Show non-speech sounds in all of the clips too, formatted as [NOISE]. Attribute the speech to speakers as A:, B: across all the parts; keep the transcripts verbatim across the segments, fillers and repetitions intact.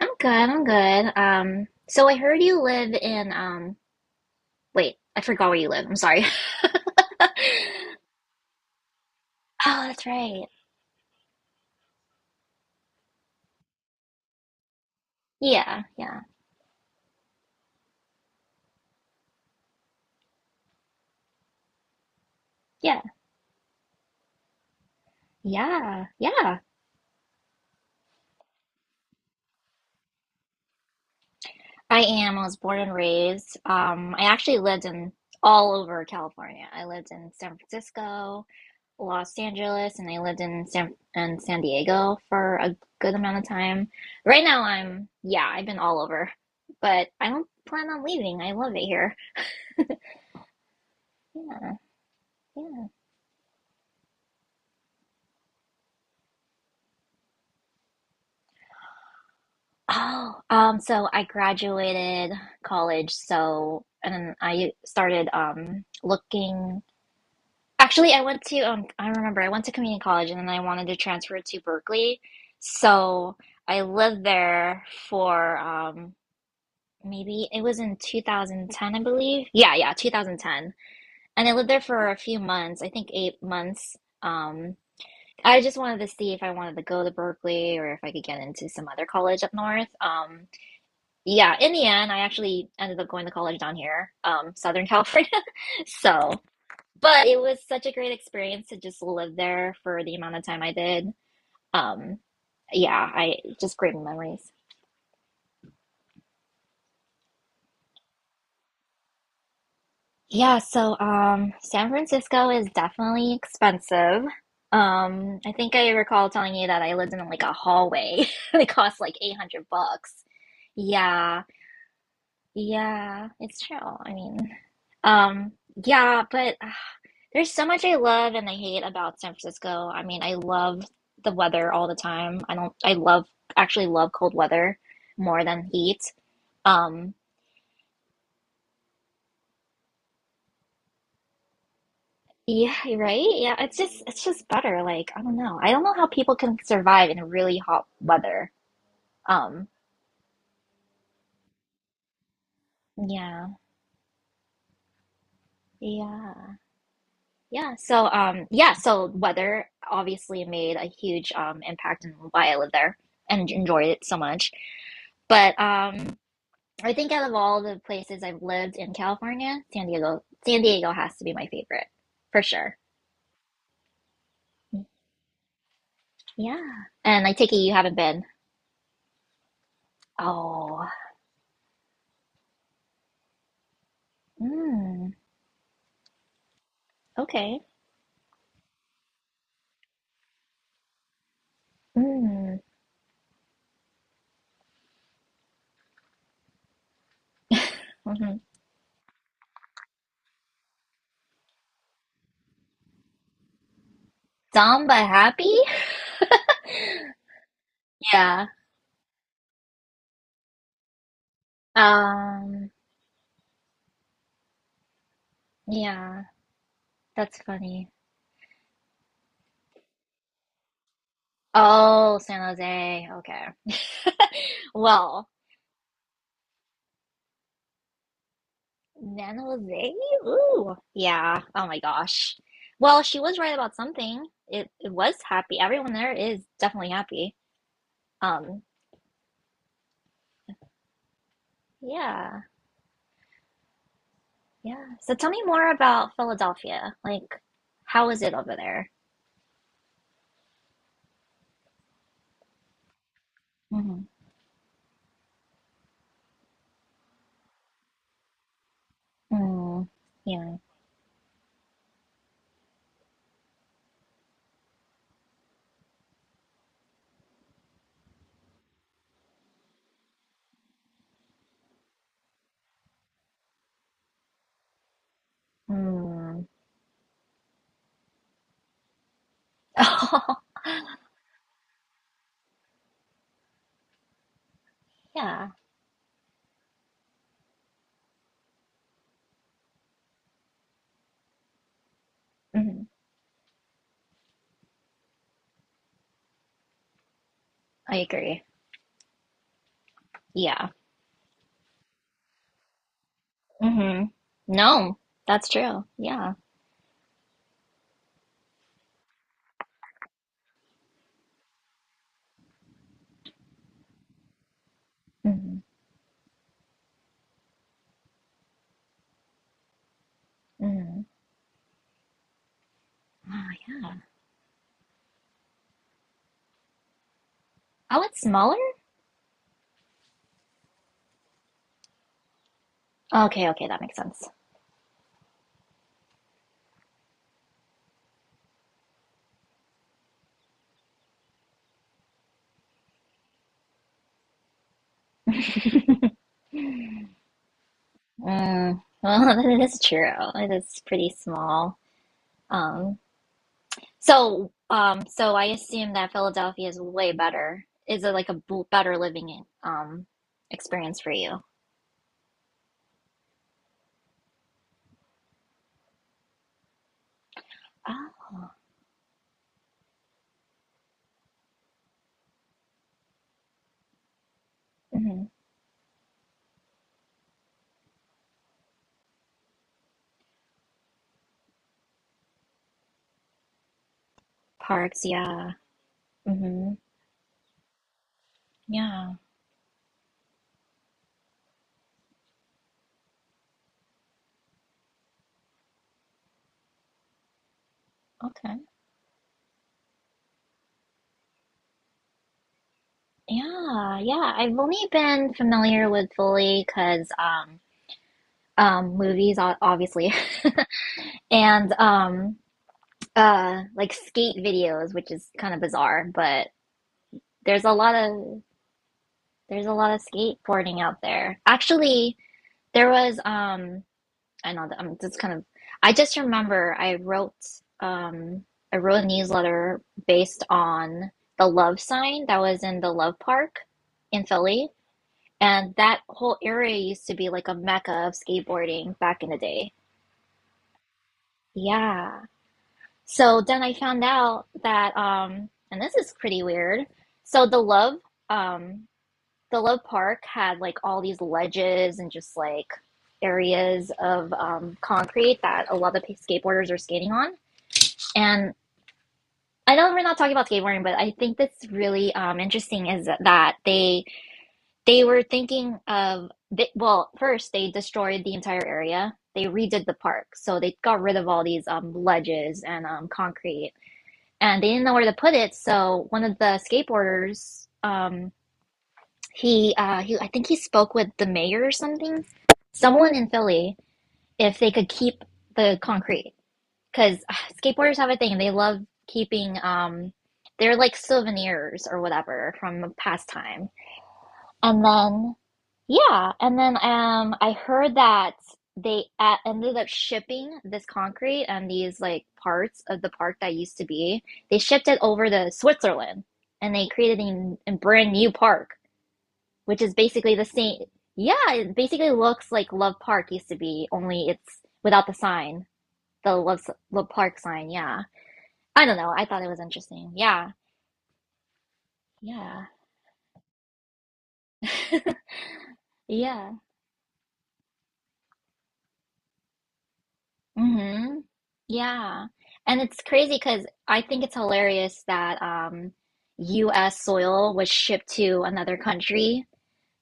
A: I'm good, I'm good. Um, so I heard you live in um wait, I forgot where you live. I'm sorry. [LAUGHS] Oh, that's right. Yeah, yeah, yeah, yeah, yeah. I am. I was born and raised. Um, I actually lived in all over California. I lived in San Francisco, Los Angeles, and I lived in San and San Diego for a good amount of time. Right now I'm, yeah, I've been all over, but I don't plan on leaving. I love it here. Yeah, yeah. Oh, um, so I graduated college, so and then I started um looking. Actually, I went to um I remember I went to community college and then I wanted to transfer to Berkeley. So I lived there for um maybe it was in two thousand ten, I believe. Yeah, yeah, two thousand ten. And I lived there for a few months, I think eight months. Um I just wanted to see if I wanted to go to Berkeley or if I could get into some other college up north. Um yeah, in the end, I actually ended up going to college down here, um, Southern California. [LAUGHS] So, but it was such a great experience to just live there for the amount of time I did. Um, yeah, I just great memories. Yeah, so um, San Francisco is definitely expensive. Um, I think I recall telling you that I lived in like a hallway. [LAUGHS] It cost like eight hundred bucks. Yeah, yeah, it's true. I mean, um, yeah, but. There's so much I love and I hate about San Francisco. I mean, I love the weather all the time. I don't, I love, actually love cold weather more than heat. Um, yeah, right? Yeah, it's just, it's just better. Like, I don't know. I don't know how people can survive in really hot weather. Um, yeah, yeah, yeah. So, um, yeah, so weather obviously made a huge, um, impact in why I live there and enjoyed it so much. But, um, I think out of all the places I've lived in California, San Diego, San Diego has to be my favorite for sure. Yeah. And I take it you haven't been. Oh. Mm, okay. Mm, hmm, mm-hmm. Samba happy? Yeah. Um. Yeah. That's funny. Oh, San Jose. Okay. Well, San Jose. Ooh. Yeah. Oh my gosh. Well, she was right about something. It it was happy. Everyone there is definitely happy. Um, yeah, yeah. So tell me more about Philadelphia. Like, how is it over there? Mm-hmm. Mm, yeah. Mm. [LAUGHS] Oh, yeah. Hmm. I agree. Yeah. Hmm. No, that's true. Yeah. Hmm. Hmm. Oh, yeah. Oh, it's smaller? Okay, okay, that makes sense. [LAUGHS] Mm, well, [LAUGHS] that is true. It is pretty small. Um, So, um, so I assume that Philadelphia is way better. Is it like a b better living in, um experience for you? Oh. Hmm. Parks, yeah. Hmm. Yeah. Okay. Yeah, yeah. I've only been familiar with Philly because um, um, movies, o- obviously, [LAUGHS] and um, uh, like skate videos, which is kind of bizarre, but there's a lot of there's a lot of skateboarding out there. Actually, there was um. I know that I'm just kind of I just remember I wrote um I wrote a newsletter based on the love sign that was in the Love Park in Philly. And that whole area used to be like a mecca of skateboarding back in the day. Yeah. So then I found out that um and this is pretty weird. So the love um the Love Park had like all these ledges and just like areas of um, concrete that a lot of skateboarders are skating on. And I know we're not talking about skateboarding, but I think that's really um, interesting is that they they were thinking of they, well, first they destroyed the entire area. They redid the park, so they got rid of all these um, ledges and um, concrete, and they didn't know where to put it. So one of the skateboarders um, He, uh, he, I think he spoke with the mayor or something, someone in Philly, if they could keep the concrete, because uh, skateboarders have a thing. They love keeping, um, they're like souvenirs or whatever from a past time. And then, yeah, and then um, I heard that they uh, ended up shipping this concrete and these like parts of the park that used to be. They shipped it over to Switzerland, and they created a, a brand new park which is basically the same. Yeah, it basically looks like Love Park used to be, only it's without the sign, the Love Love Park sign. Yeah, I don't know. I thought it was interesting. Yeah, yeah, [LAUGHS] yeah. Mm-hmm. Yeah, and it's crazy because I think it's hilarious that um, U S soil was shipped to another country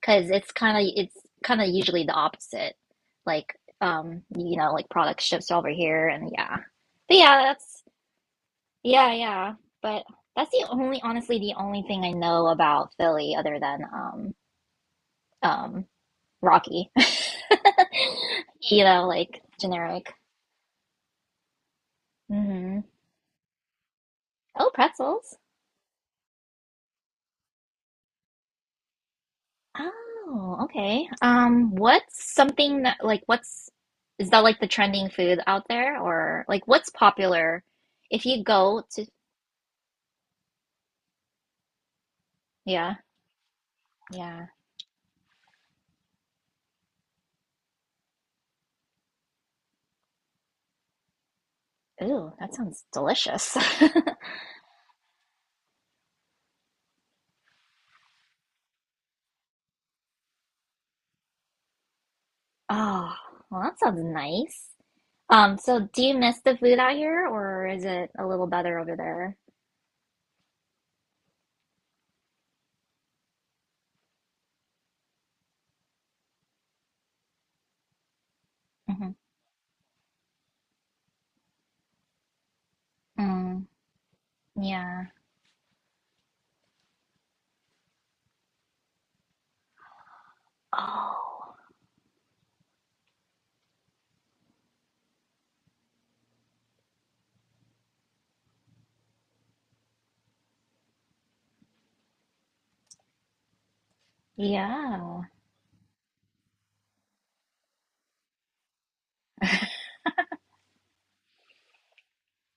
A: because it's kind of it's kind of usually the opposite, like um, you know, like products shipped over here, and yeah, but yeah, that's. Yeah, yeah. But that's the only, honestly, the only thing I know about Philly other than um um Rocky. [LAUGHS] You know, like generic. Hmm. Oh, pretzels. Oh, okay. Um, what's something that like what's is that like the trending food out there or like what's popular if you go to yeah, yeah. Ooh, that sounds delicious. [LAUGHS] Oh, well, that sounds nice. Um, so do you miss the food out here, or is it a little better over there? Hmm. Mm, yeah. Oh, yeah.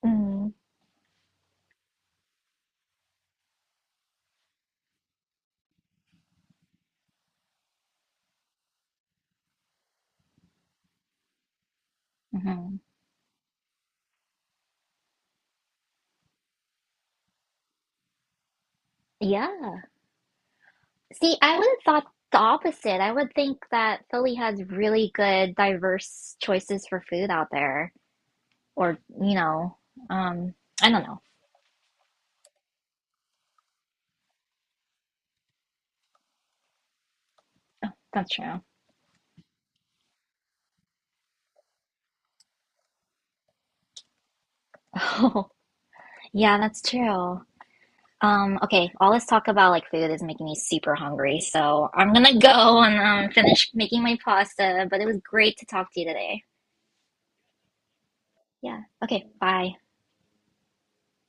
A: Mm, hmm. Yeah. See, I would have thought the opposite. I would think that Philly has really good, diverse choices for food out there, or you know, um, I don't know. That's true. [LAUGHS] Oh, yeah, that's true. Um, okay, all this talk about like food is making me super hungry, so I'm gonna go and um, finish making my pasta, but it was great to talk to you today. Yeah, okay, bye.